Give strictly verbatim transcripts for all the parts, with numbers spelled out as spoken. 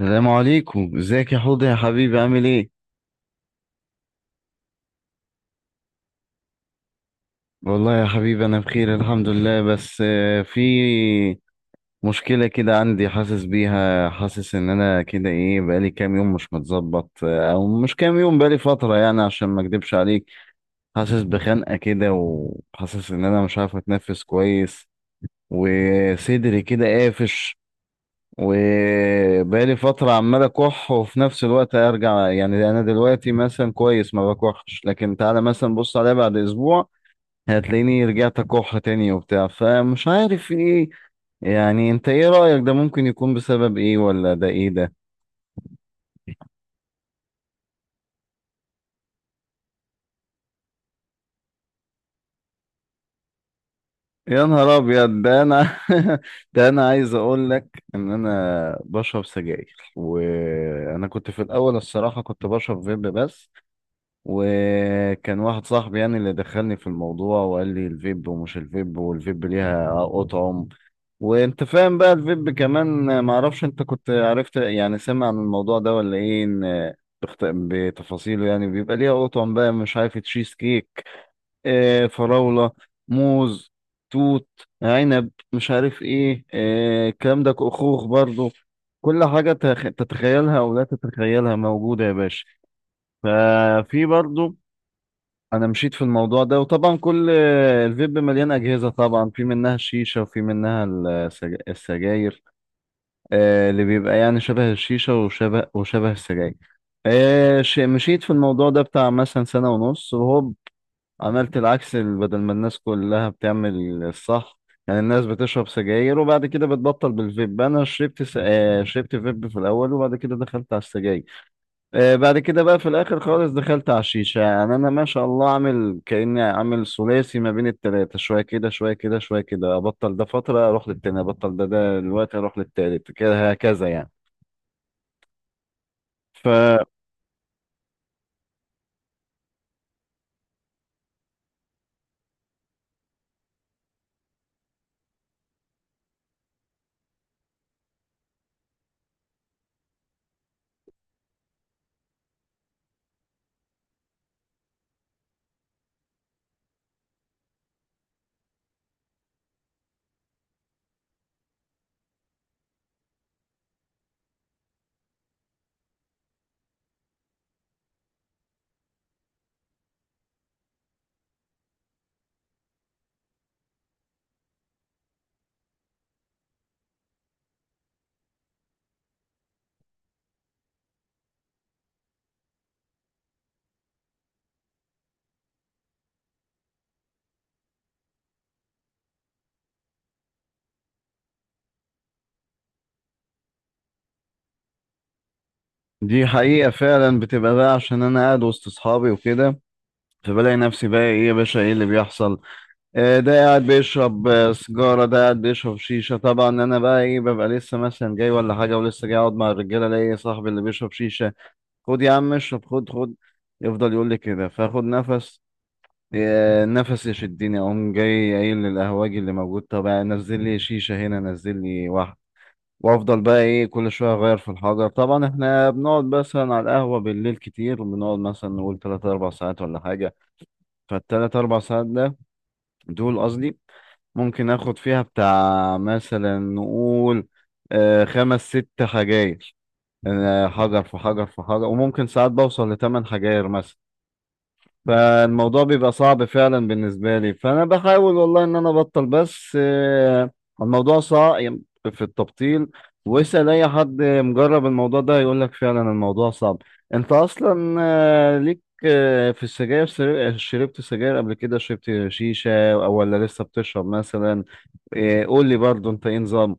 السلام عليكم، ازيك يا حوض يا حبيبي؟ عامل ايه؟ والله يا حبيبي انا بخير الحمد لله، بس آه، في مشكلة كده عندي. حاسس بيها، حاسس ان انا كده ايه، بقالي كام يوم مش متظبط، آه، او مش كام يوم، بقالي فترة يعني عشان ما اكدبش عليك. حاسس بخنقة كده، وحاسس ان انا مش عارف اتنفس كويس. وصدري كده قافش. وبقالي فترة عمال أكح، وفي نفس الوقت أرجع. يعني أنا دلوقتي مثلا كويس ما بكحش، لكن تعالى مثلا بص عليا بعد أسبوع هتلاقيني رجعت أكح تاني وبتاع، فمش عارف إيه. يعني أنت إيه رأيك؟ ده ممكن يكون بسبب إيه، ولا ده إيه ده؟ يا نهار أبيض! ده أنا ده أنا عايز أقول لك إن أنا بشرب سجاير. وأنا كنت في الأول، الصراحة، كنت بشرب فيب بس. وكان واحد صاحبي يعني اللي دخلني في الموضوع، وقال لي الفيب، ومش الفيب، والفيب ليها أطعم. وانت فاهم بقى، الفيب كمان معرفش انت كنت عرفت، يعني سمع عن الموضوع ده ولا ايه، ان بخت- بتفاصيله، يعني بيبقى ليها أطعم بقى، مش عارف، تشيز كيك، آه، فراولة، موز، توت، عنب، مش عارف ايه، آه، الكلام ده، خوخ برضو. كل حاجة تخ- تتخيلها أو لا تتخيلها موجودة يا باشا. ففي برضو. انا مشيت في الموضوع ده، وطبعا كل الفيب مليان اجهزه، طبعا في منها الشيشه، وفي منها السج- السجاير، آه، اللي بيبقى يعني شبه الشيشه، وشبه وشبه السجاير. آه، ش- مشيت في الموضوع ده بتاع مثلا سنه ونص، وهوب عملت العكس. ال- بدل ما الناس كلها بتعمل الصح، يعني الناس بتشرب سجاير وبعد كده بتبطل بالفيب، انا شربت س... آه، شربت فيب في الاول، وبعد كده دخلت على السجاير. آه، بعد كده بقى في الاخر خالص دخلت على الشيشه. يعني انا ما شاء الله عامل، كاني عامل ثلاثي ما بين التلاته، شويه كده شويه كده شويه كده، ابطل ده فتره اروح للتاني، ابطل ده ده دلوقتي اروح للتالت، كده هكذا يعني. فدي حقيقه فعلا، بتبقى بقى عشان انا قاعد وسط اصحابي وكده، فبلاقي نفسي بقى ايه يا باشا، ايه اللي بيحصل؟ آه، ده قاعد بيشرب آه، سيجاره، ده قاعد بيشرب شيشه. طبعا انا بقى ايه، ببقى لسه مثلا جاي ولا حاجه، ولسه جاي اقعد مع الرجاله، الاقي صاحبي اللي بيشرب شيشه: خد يا عم اشرب، خد خد. يفضل يقول لي كده، فاخد نفس. يا- نفس يشدني، اقوم جاي قايل للقهواجي اللي موجود: طب نزل لي شيشه هنا، نزل لي واحده. وافضل بقى ايه كل شويه اغير في الحجر. طبعا احنا بنقعد مثلا على القهوه بالليل كتير، بنقعد مثلا نقول ثلاثة اربعة ساعات ولا حاجه. فالتلات اربع ساعات ده، دول قصدي، ممكن اخد فيها بتاع مثلا نقول، آه، خمس ست حجاير، آه، حجر في حجر في حجر، وممكن ساعات بوصل لثمان حجاير مثلا. فالموضوع بيبقى صعب فعلا بالنسبة لي، فأنا بحاول والله إن أنا أبطل، بس آه، الموضوع صعب في التبطيل. واسأل أي حد مجرب الموضوع ده يقول لك فعلا الموضوع صعب. أنت أصلا آه، ليك آه، في السجاير، سر- شربت سجاير قبل كده، شربت شيشة، أو ولا لسه بتشرب مثلا؟ آه، قول لي برضه، أنت إيه نظام؟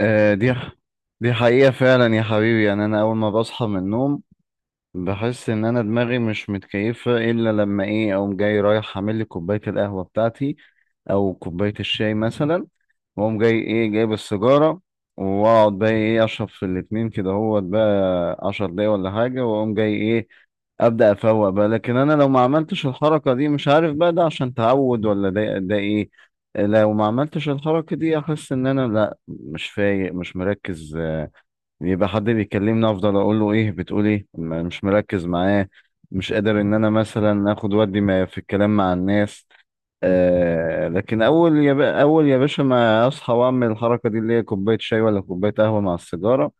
آه، دي دي حقيقة فعلا يا حبيبي. يعني أنا أول ما بصحى من النوم، بحس ان انا دماغي مش متكيفه الا لما ايه اقوم جاي رايح اعمل لي كوبايه القهوه بتاعتي، او كوبايه الشاي مثلا. واقوم جاي ايه جايب السيجاره، واقعد بقى ايه اشرب في الاتنين كده، هو بقى عشر دقايق ولا حاجه، واقوم جاي ايه ابدا افوق بقى. لكن انا لو ما عملتش الحركه دي، مش عارف بقى ده عشان تعود ولا ده ده ايه. لو ما عملتش الحركه دي احس ان انا لا مش فايق، مش مركز. يبقى حد بيكلمني افضل اقول له ايه بتقول ايه، ما- مش مركز معاه، مش قادر ان انا مثلا اخد ودي ما في الكلام مع الناس. آه لكن اول يا بقى اول يا باشا ما اصحى واعمل الحركه دي اللي هي كوبايه شاي ولا كوبايه قهوه مع السيجاره،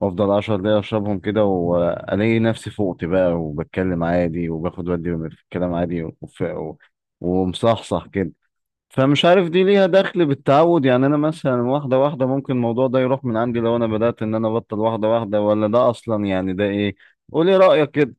وافضل عشر دقايق اشربهم كده، والاقي نفسي فوقت بقى، وبتكلم عادي، وباخد ودي في الكلام عادي، وف- ومصحصح كده. فمش عارف دي ليها دخل بالتعود، يعني انا مثلا واحده واحده ممكن الموضوع ده يروح من عندي لو انا بدات ان انا ابطل واحده واحده، ولا ده اصلا يعني ده ايه؟ قولي رايك كده.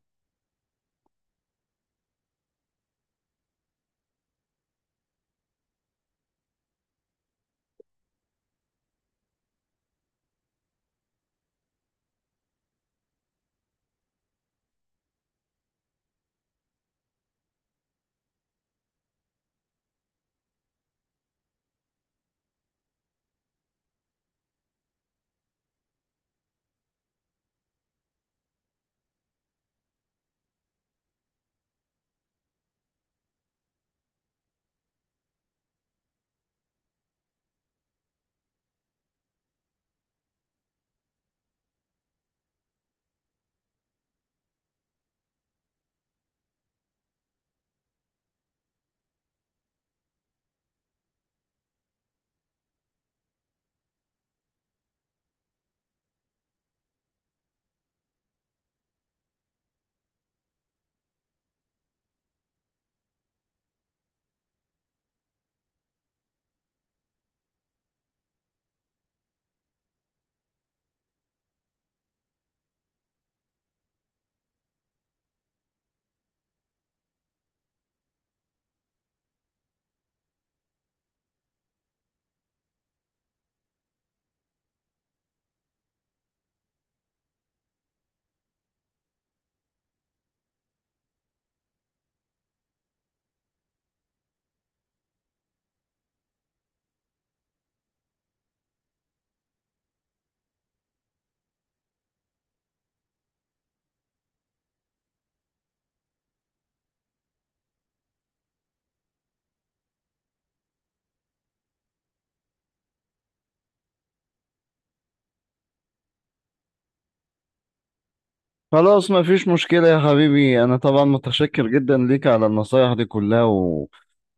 خلاص مفيش مشكله يا حبيبي، انا طبعا متشكر جدا ليك على النصايح دي كلها، و...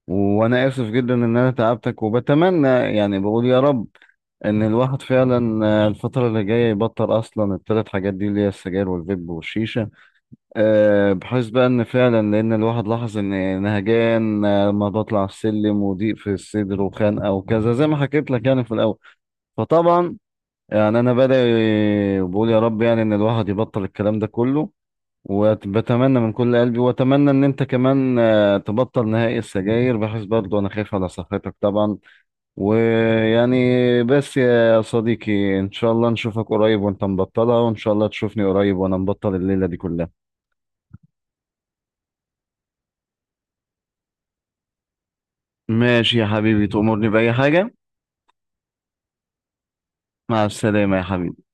وانا اسف جدا ان انا تعبتك. وبتمنى يعني بقول يا رب ان الواحد فعلا، آه، الفتره اللي جايه، يبطل اصلا الثلاث حاجات دي اللي هي السجاير والفيب والشيشه، آه، بحيث بقى ان فعلا، لان الواحد لاحظ ان نهجان آه، لما بطلع السلم، وضيق في الصدر وخنقه وكذا زي ما حكيت لك يعني في الاول. فطبعا يعني انا بدأ بقول يا رب، يعني ان الواحد يبطل الكلام ده كله. وبتمنى من كل قلبي، واتمنى ان انت كمان آه، تبطل نهائي السجاير، بحيث برضو انا خايف على صحتك طبعا، ويعني، بس يا صديقي ان شاء الله نشوفك قريب وانت مبطلها، وان شاء الله تشوفني قريب وانا مبطل الليلة دي كلها. ماشي يا حبيبي، تأمرني بأي حاجة. مع السلامة يا حبيبي.